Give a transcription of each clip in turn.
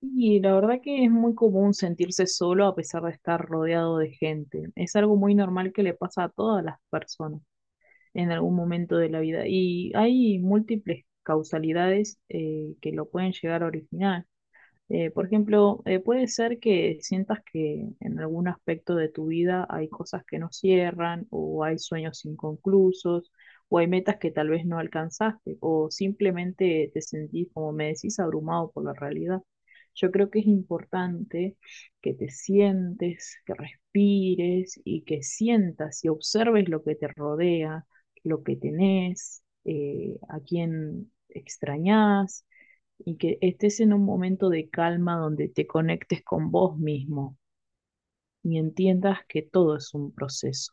Y la verdad que es muy común sentirse solo a pesar de estar rodeado de gente. Es algo muy normal que le pasa a todas las personas en algún momento de la vida. Y hay múltiples causalidades que lo pueden llegar a originar. Por ejemplo, puede ser que sientas que en algún aspecto de tu vida hay cosas que no cierran, o hay sueños inconclusos, o hay metas que tal vez no alcanzaste, o simplemente te sentís, como me decís, abrumado por la realidad. Yo creo que es importante que te sientes, que respires y que sientas y observes lo que te rodea, lo que tenés, a quién extrañás y que estés en un momento de calma donde te conectes con vos mismo y entiendas que todo es un proceso.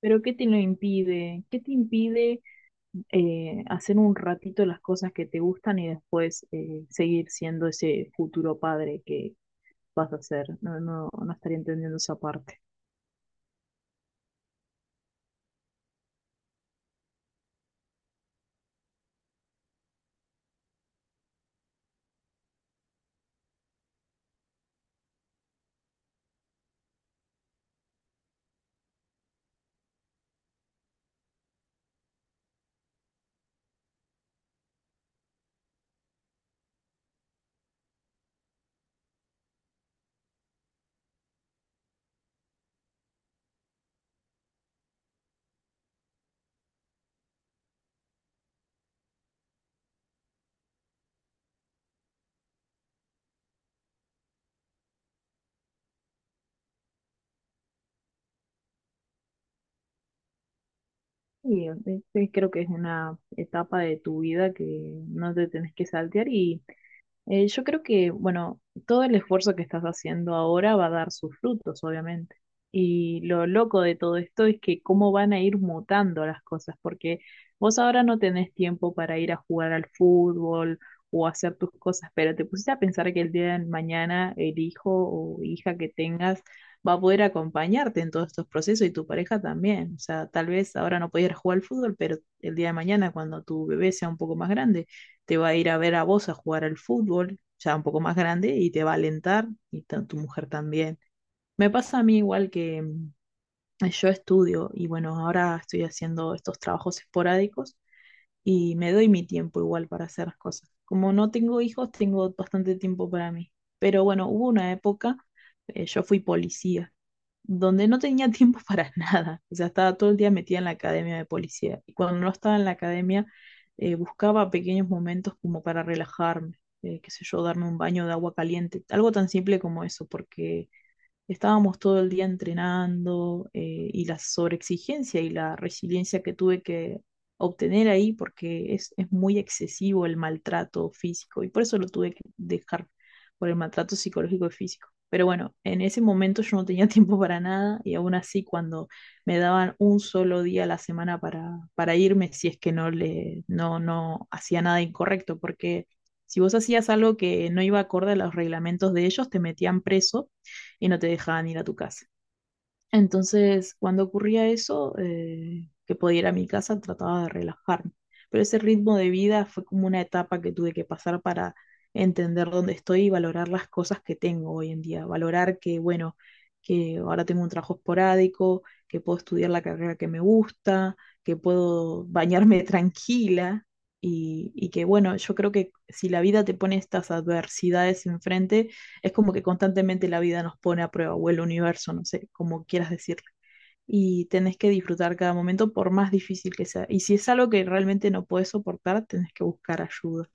Pero ¿qué te lo impide? ¿Qué te impide hacer un ratito las cosas que te gustan y después seguir siendo ese futuro padre que vas a ser? No, no, no estaría entendiendo esa parte. Y creo que es una etapa de tu vida que no te tenés que saltear y yo creo que, bueno, todo el esfuerzo que estás haciendo ahora va a dar sus frutos, obviamente. Y lo loco de todo esto es que cómo van a ir mutando las cosas, porque vos ahora no tenés tiempo para ir a jugar al fútbol o hacer tus cosas, pero te pusiste a pensar que el día de mañana el hijo o hija que tengas va a poder acompañarte en todos estos procesos y tu pareja también. O sea, tal vez ahora no podías jugar al fútbol, pero el día de mañana cuando tu bebé sea un poco más grande te va a ir a ver a vos a jugar al fútbol, ya un poco más grande, y te va a alentar, y tu mujer también. Me pasa a mí igual que yo estudio y bueno, ahora estoy haciendo estos trabajos esporádicos y me doy mi tiempo igual para hacer las cosas. Como no tengo hijos, tengo bastante tiempo para mí. Pero bueno, hubo una época, yo fui policía, donde no tenía tiempo para nada. O sea, estaba todo el día metida en la academia de policía. Y cuando no estaba en la academia, buscaba pequeños momentos como para relajarme, qué sé yo, darme un baño de agua caliente, algo tan simple como eso, porque estábamos todo el día entrenando y la sobreexigencia y la resiliencia que tuve que obtener ahí porque es muy excesivo el maltrato físico y por eso lo tuve que dejar por el maltrato psicológico y físico. Pero bueno, en ese momento yo no tenía tiempo para nada y aún así cuando me daban un solo día a la semana para irme si es que no le no, no hacía nada incorrecto porque si vos hacías algo que no iba acorde a los reglamentos de ellos, te metían preso y no te dejaban ir a tu casa. Entonces, cuando ocurría eso, que podía ir a mi casa, trataba de relajarme. Pero ese ritmo de vida fue como una etapa que tuve que pasar para entender dónde estoy y valorar las cosas que tengo hoy en día. Valorar que, bueno, que ahora tengo un trabajo esporádico, que puedo estudiar la carrera que me gusta, que puedo bañarme tranquila y, que, bueno, yo creo que si la vida te pone estas adversidades enfrente, es como que constantemente la vida nos pone a prueba, o el universo, no sé, como quieras decirlo. Y tenés que disfrutar cada momento por más difícil que sea. Y si es algo que realmente no puedes soportar, tenés que buscar ayuda.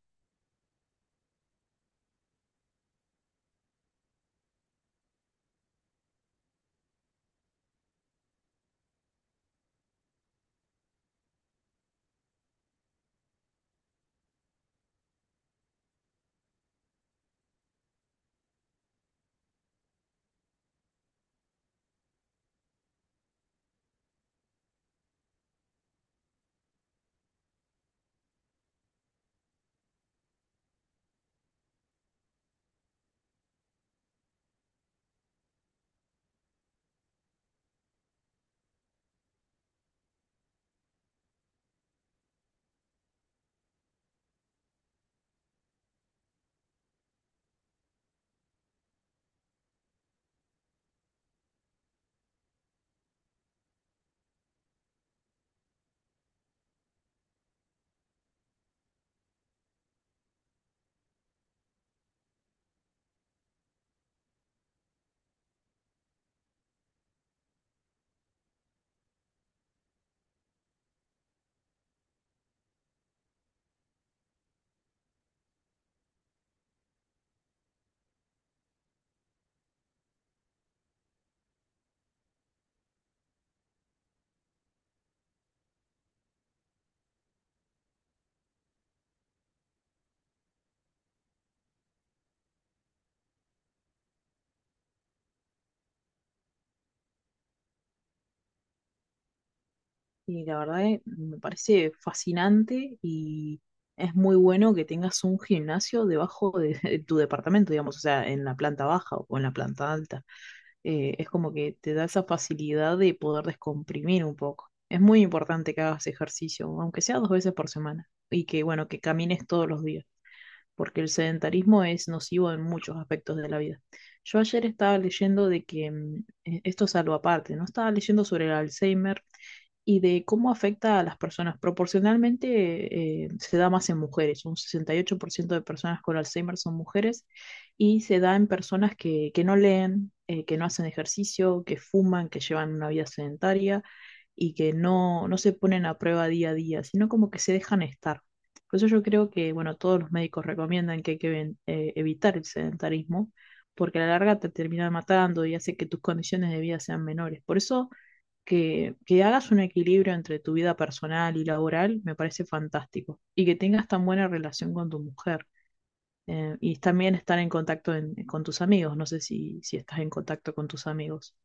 Y la verdad me parece fascinante y es muy bueno que tengas un gimnasio debajo de, de tu departamento, digamos, o sea, en la planta baja o en la planta alta. Es como que te da esa facilidad de poder descomprimir un poco. Es muy importante que hagas ejercicio, aunque sea dos veces por semana, y que, bueno, que camines todos los días, porque el sedentarismo es nocivo en muchos aspectos de la vida. Yo ayer estaba leyendo de que, esto es algo aparte, ¿no? Estaba leyendo sobre el Alzheimer y de cómo afecta a las personas. Proporcionalmente se da más en mujeres, un 68% de personas con Alzheimer son mujeres y se da en personas que no leen, que no hacen ejercicio, que fuman, que llevan una vida sedentaria y que no, no se ponen a prueba día a día, sino como que se dejan estar. Por eso yo creo que, bueno, todos los médicos recomiendan que hay que evitar el sedentarismo, porque a la larga te termina matando y hace que tus condiciones de vida sean menores. Por eso que hagas un equilibrio entre tu vida personal y laboral me parece fantástico. Y que tengas tan buena relación con tu mujer. Y también estar en contacto con tus amigos. No sé si estás en contacto con tus amigos.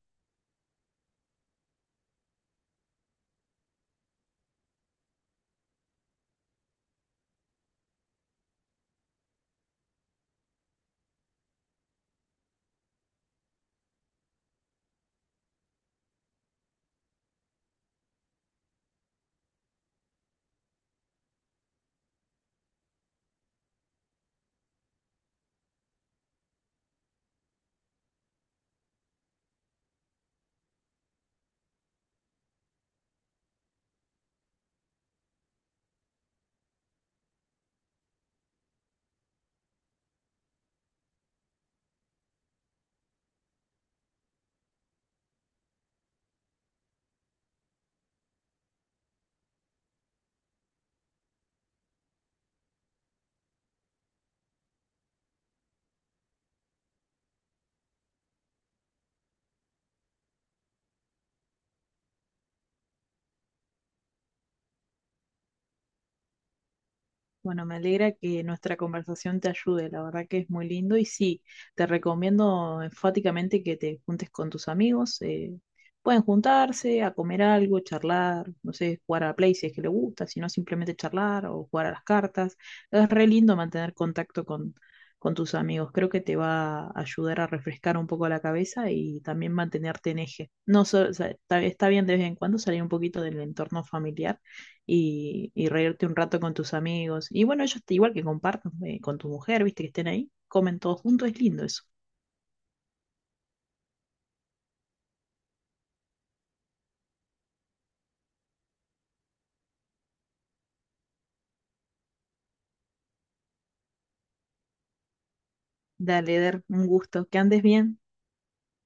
Bueno, me alegra que nuestra conversación te ayude, la verdad que es muy lindo y sí, te recomiendo enfáticamente que te juntes con tus amigos, pueden juntarse a comer algo, charlar, no sé, jugar a la Play si es que le gusta, si no simplemente charlar o jugar a las cartas. Es re lindo mantener contacto con tus amigos, creo que te va a ayudar a refrescar un poco la cabeza y también mantenerte en eje. No, o sea, está bien de vez en cuando salir un poquito del entorno familiar y reírte un rato con tus amigos. Y bueno, igual que compartan con tu mujer, viste que estén ahí, comen todos juntos, es lindo eso. Dale, Eder, un gusto, que andes bien.